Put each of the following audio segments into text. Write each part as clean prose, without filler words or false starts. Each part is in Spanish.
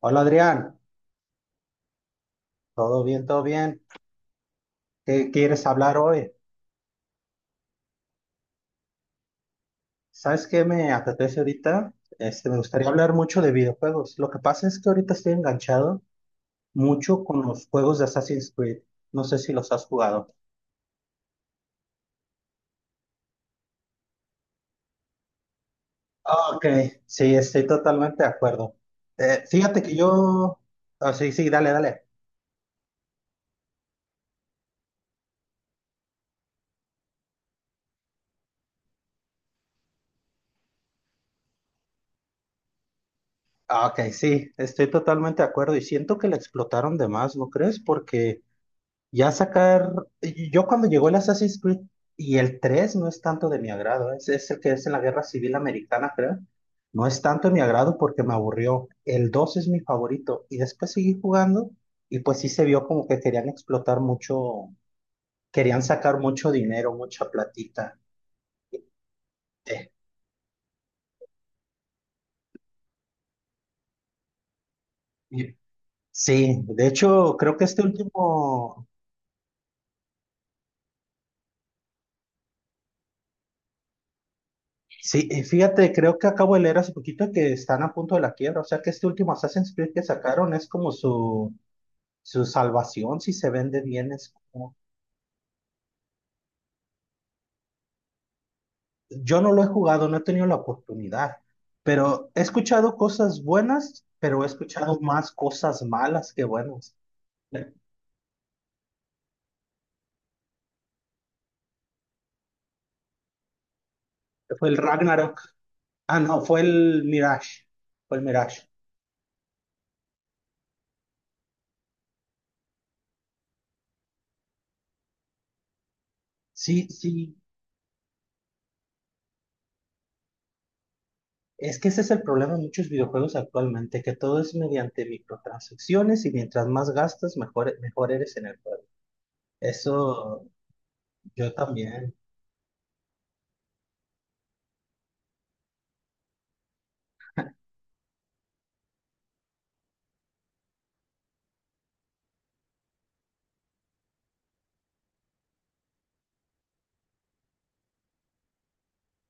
Hola Adrián, todo bien, todo bien. ¿Qué quieres hablar hoy? ¿Sabes qué me apetece ahorita? Este, me gustaría hablar mucho de videojuegos. Lo que pasa es que ahorita estoy enganchado mucho con los juegos de Assassin's Creed. No sé si los has jugado. Ah, ok, sí, estoy totalmente de acuerdo. Fíjate que yo... ah, sí, sí, dale, dale. Ah, ok, sí, estoy totalmente de acuerdo y siento que la explotaron de más, ¿no crees? Porque... Ya sacar, yo cuando llegó el Assassin's Creed y el 3 no es tanto de mi agrado, es el que es en la Guerra Civil Americana, creo. No es tanto de mi agrado porque me aburrió. El 2 es mi favorito y después seguí jugando y pues sí se vio como que querían explotar mucho, querían sacar mucho dinero, mucha platita. Eh, y- sí, de hecho creo que este último, sí, fíjate, creo que acabo de leer hace poquito que están a punto de la quiebra, o sea que este último Assassin's Creed que sacaron es como su salvación si se vende bien es como... Yo no lo he jugado, no he tenido la oportunidad, pero he escuchado cosas buenas, pero he escuchado más cosas malas que buenas. Fue el Ragnarok. Ah, no, fue el Mirage. Fue el Mirage. Sí, sí. Es que ese es el problema de muchos videojuegos actualmente, que todo es mediante microtransacciones y mientras más gastas, mejor, mejor eres en el juego. Eso yo también.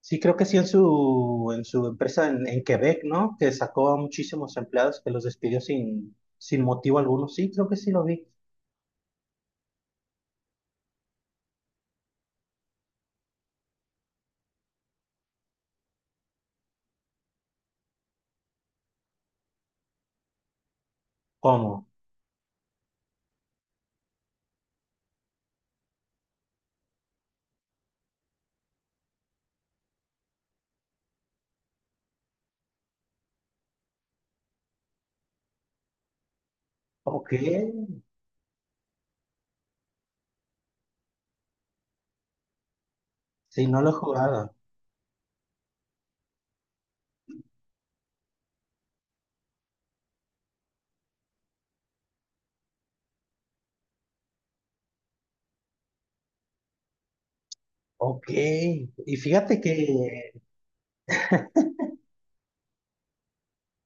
Sí, creo que sí en su empresa en Quebec, ¿no? Que sacó a muchísimos empleados que los despidió sin motivo alguno. Sí, creo que sí lo vi. ¿Cómo? Ok. Sí, no lo he jugado. Ok. Y fíjate que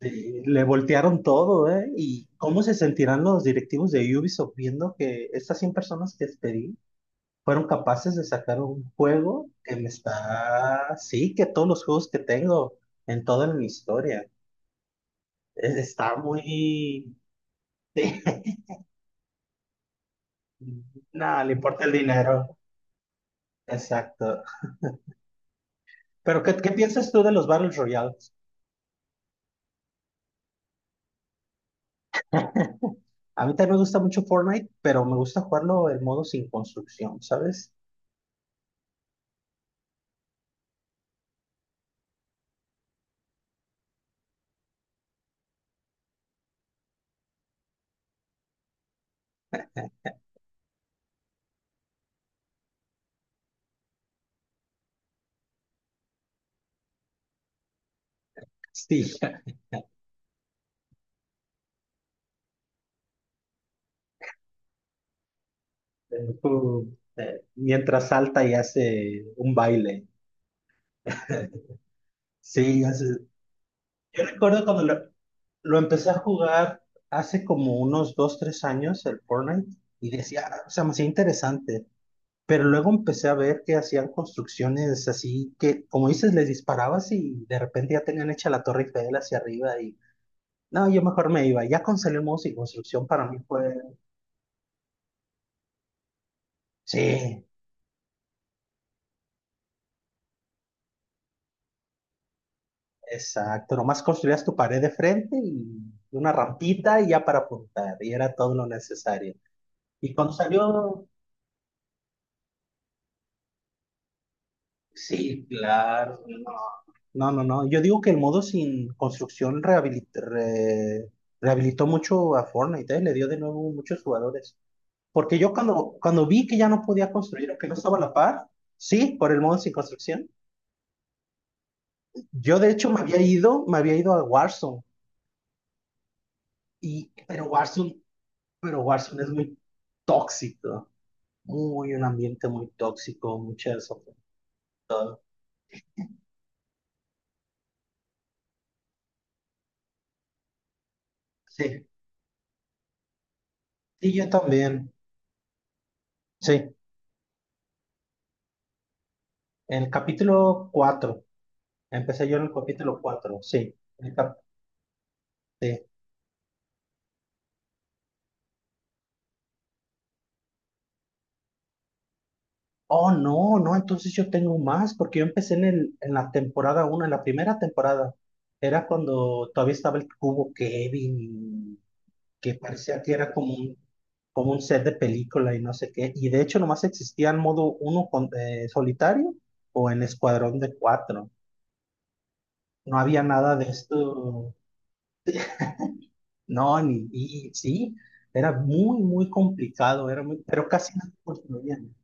le voltearon todo, ¿eh? ¿Y cómo se sentirán los directivos de Ubisoft viendo que estas 100 personas que despedí fueron capaces de sacar un juego que me está... Sí, que todos los juegos que tengo en toda mi historia. Está muy, sí. No, le importa el dinero. Exacto. Pero, ¿qué piensas tú de los Battle Royales? A mí también me gusta mucho Fortnite, pero me gusta jugarlo en modo sin construcción, ¿sabes? Sí. Mientras salta y hace un baile. Sí, hace- Yo recuerdo lo empecé a jugar hace como unos dos, tres años, el Fortnite, y decía, "Ah, o sea, me hacía interesante." Pero luego empecé a ver que hacían construcciones así que, como dices, les disparabas y de repente ya tenían hecha la Torre Eiffel hacia arriba y no, yo mejor me iba. Ya con Celemos y construcción para mí fue, sí, exacto, nomás construías tu pared de frente y una rampita y ya para apuntar y era todo lo necesario. Y cuando salió, sí, claro, no, no, no, no. Yo digo que el modo sin construcción rehabilitó mucho a Fortnite, ¿eh? Le dio de nuevo muchos jugadores. Porque yo cuando vi que ya no podía construir, que no estaba a la par, sí, por el modo sin construcción, yo de hecho me había ido a Warzone, y, pero Warzone es muy tóxico, muy un ambiente muy tóxico, muchas... ofen- Sí, y yo también, sí, el capítulo 4 empecé yo en el capítulo 4 sí, sí. Oh, no, no, entonces yo tengo más, porque yo empecé en la temporada uno en la primera temporada. Era cuando todavía estaba el cubo Kevin, que parecía que era como un set de película y no sé qué. Y de hecho nomás existía el modo uno con, solitario o en escuadrón de cuatro. No había nada de esto, no, ni, y, sí, era muy, muy complicado, era muy, pero casi no se construían.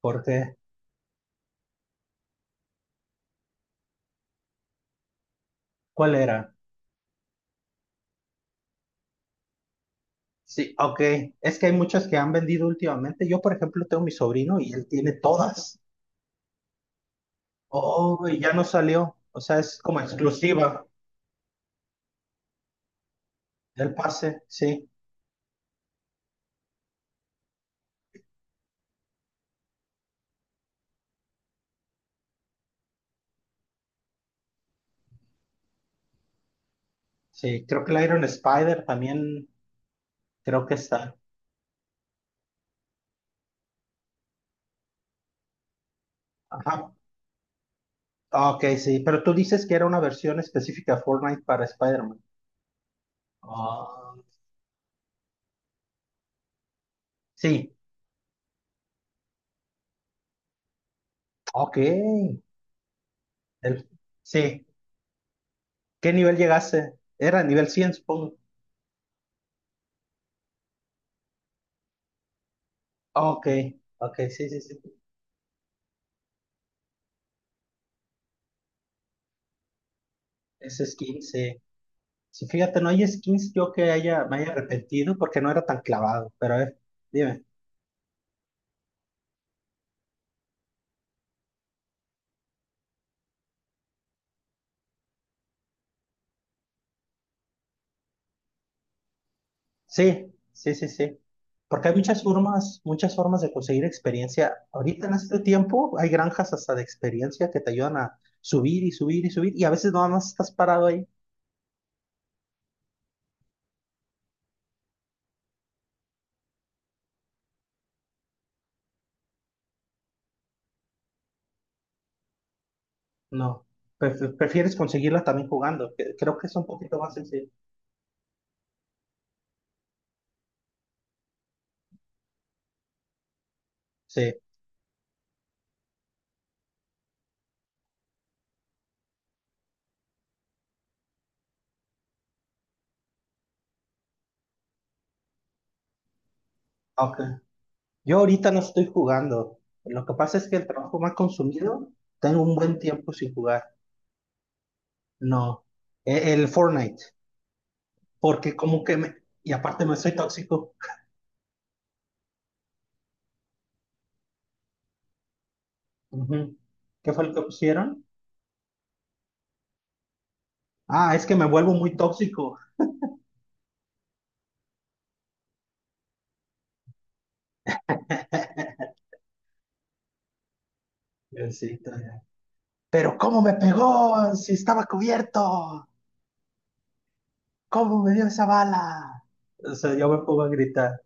¿Por qué? ¿Cuál era? Sí, ok. Es que hay muchas que han vendido últimamente. Yo, por ejemplo, tengo mi sobrino y él tiene todas. Oh, y ya no salió. O sea, es como exclusiva del pase. Sí, sí. Creo que la Iron Spider también creo que está. Ajá. Ah, ok, sí. Pero tú dices que era una versión específica de Fortnite para Spider-Man. Ah, sí, ok. El- sí. ¿Qué nivel llegaste? Era nivel 100, supongo. Ok, ok, sí, sí, sí. Ese skin, sí. Sí, fíjate, no hay skins yo que haya, me haya arrepentido porque no era tan clavado, pero a ver, dime. Sí, sí, sí, sí. Porque hay muchas formas de conseguir experiencia. Ahorita en este tiempo hay granjas hasta de experiencia que te ayudan a subir y subir y subir y a veces nada más estás parado ahí. No, prefieres conseguirla también jugando. Que- Creo que es un poquito más sencillo. Sí, ok. Yo ahorita no estoy jugando. Lo que pasa es que el trabajo me ha consumido. Tengo un buen tiempo sin jugar. No, e- el Fortnite, porque como que me... Y aparte me soy tóxico. Ujú. ¿Qué fue lo que pusieron? Ah, es que me vuelvo muy tóxico. Sí, todavía. Pero ¿cómo me pegó si estaba cubierto? ¿Cómo me dio esa bala? O sea, yo me pongo a gritar.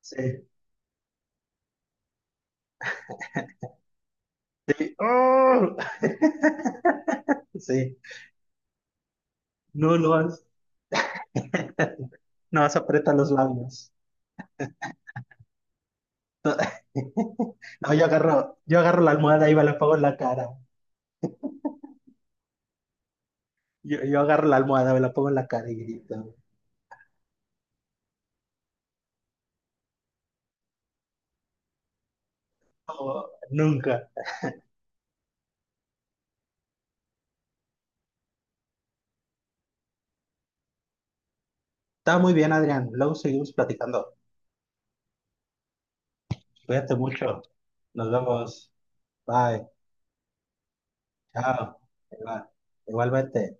Sí. ¡Oh! Sí, no lo has, no vas a apretar los labios. No, yo agarro la almohada y me la pongo en la cara. Yo agarro la almohada, me la pongo en la cara y grito. "Oh, nunca." Está muy bien, Adrián. Luego seguimos platicando. Cuídate mucho. Nos vemos. Bye. Chao. Igual- Igualmente.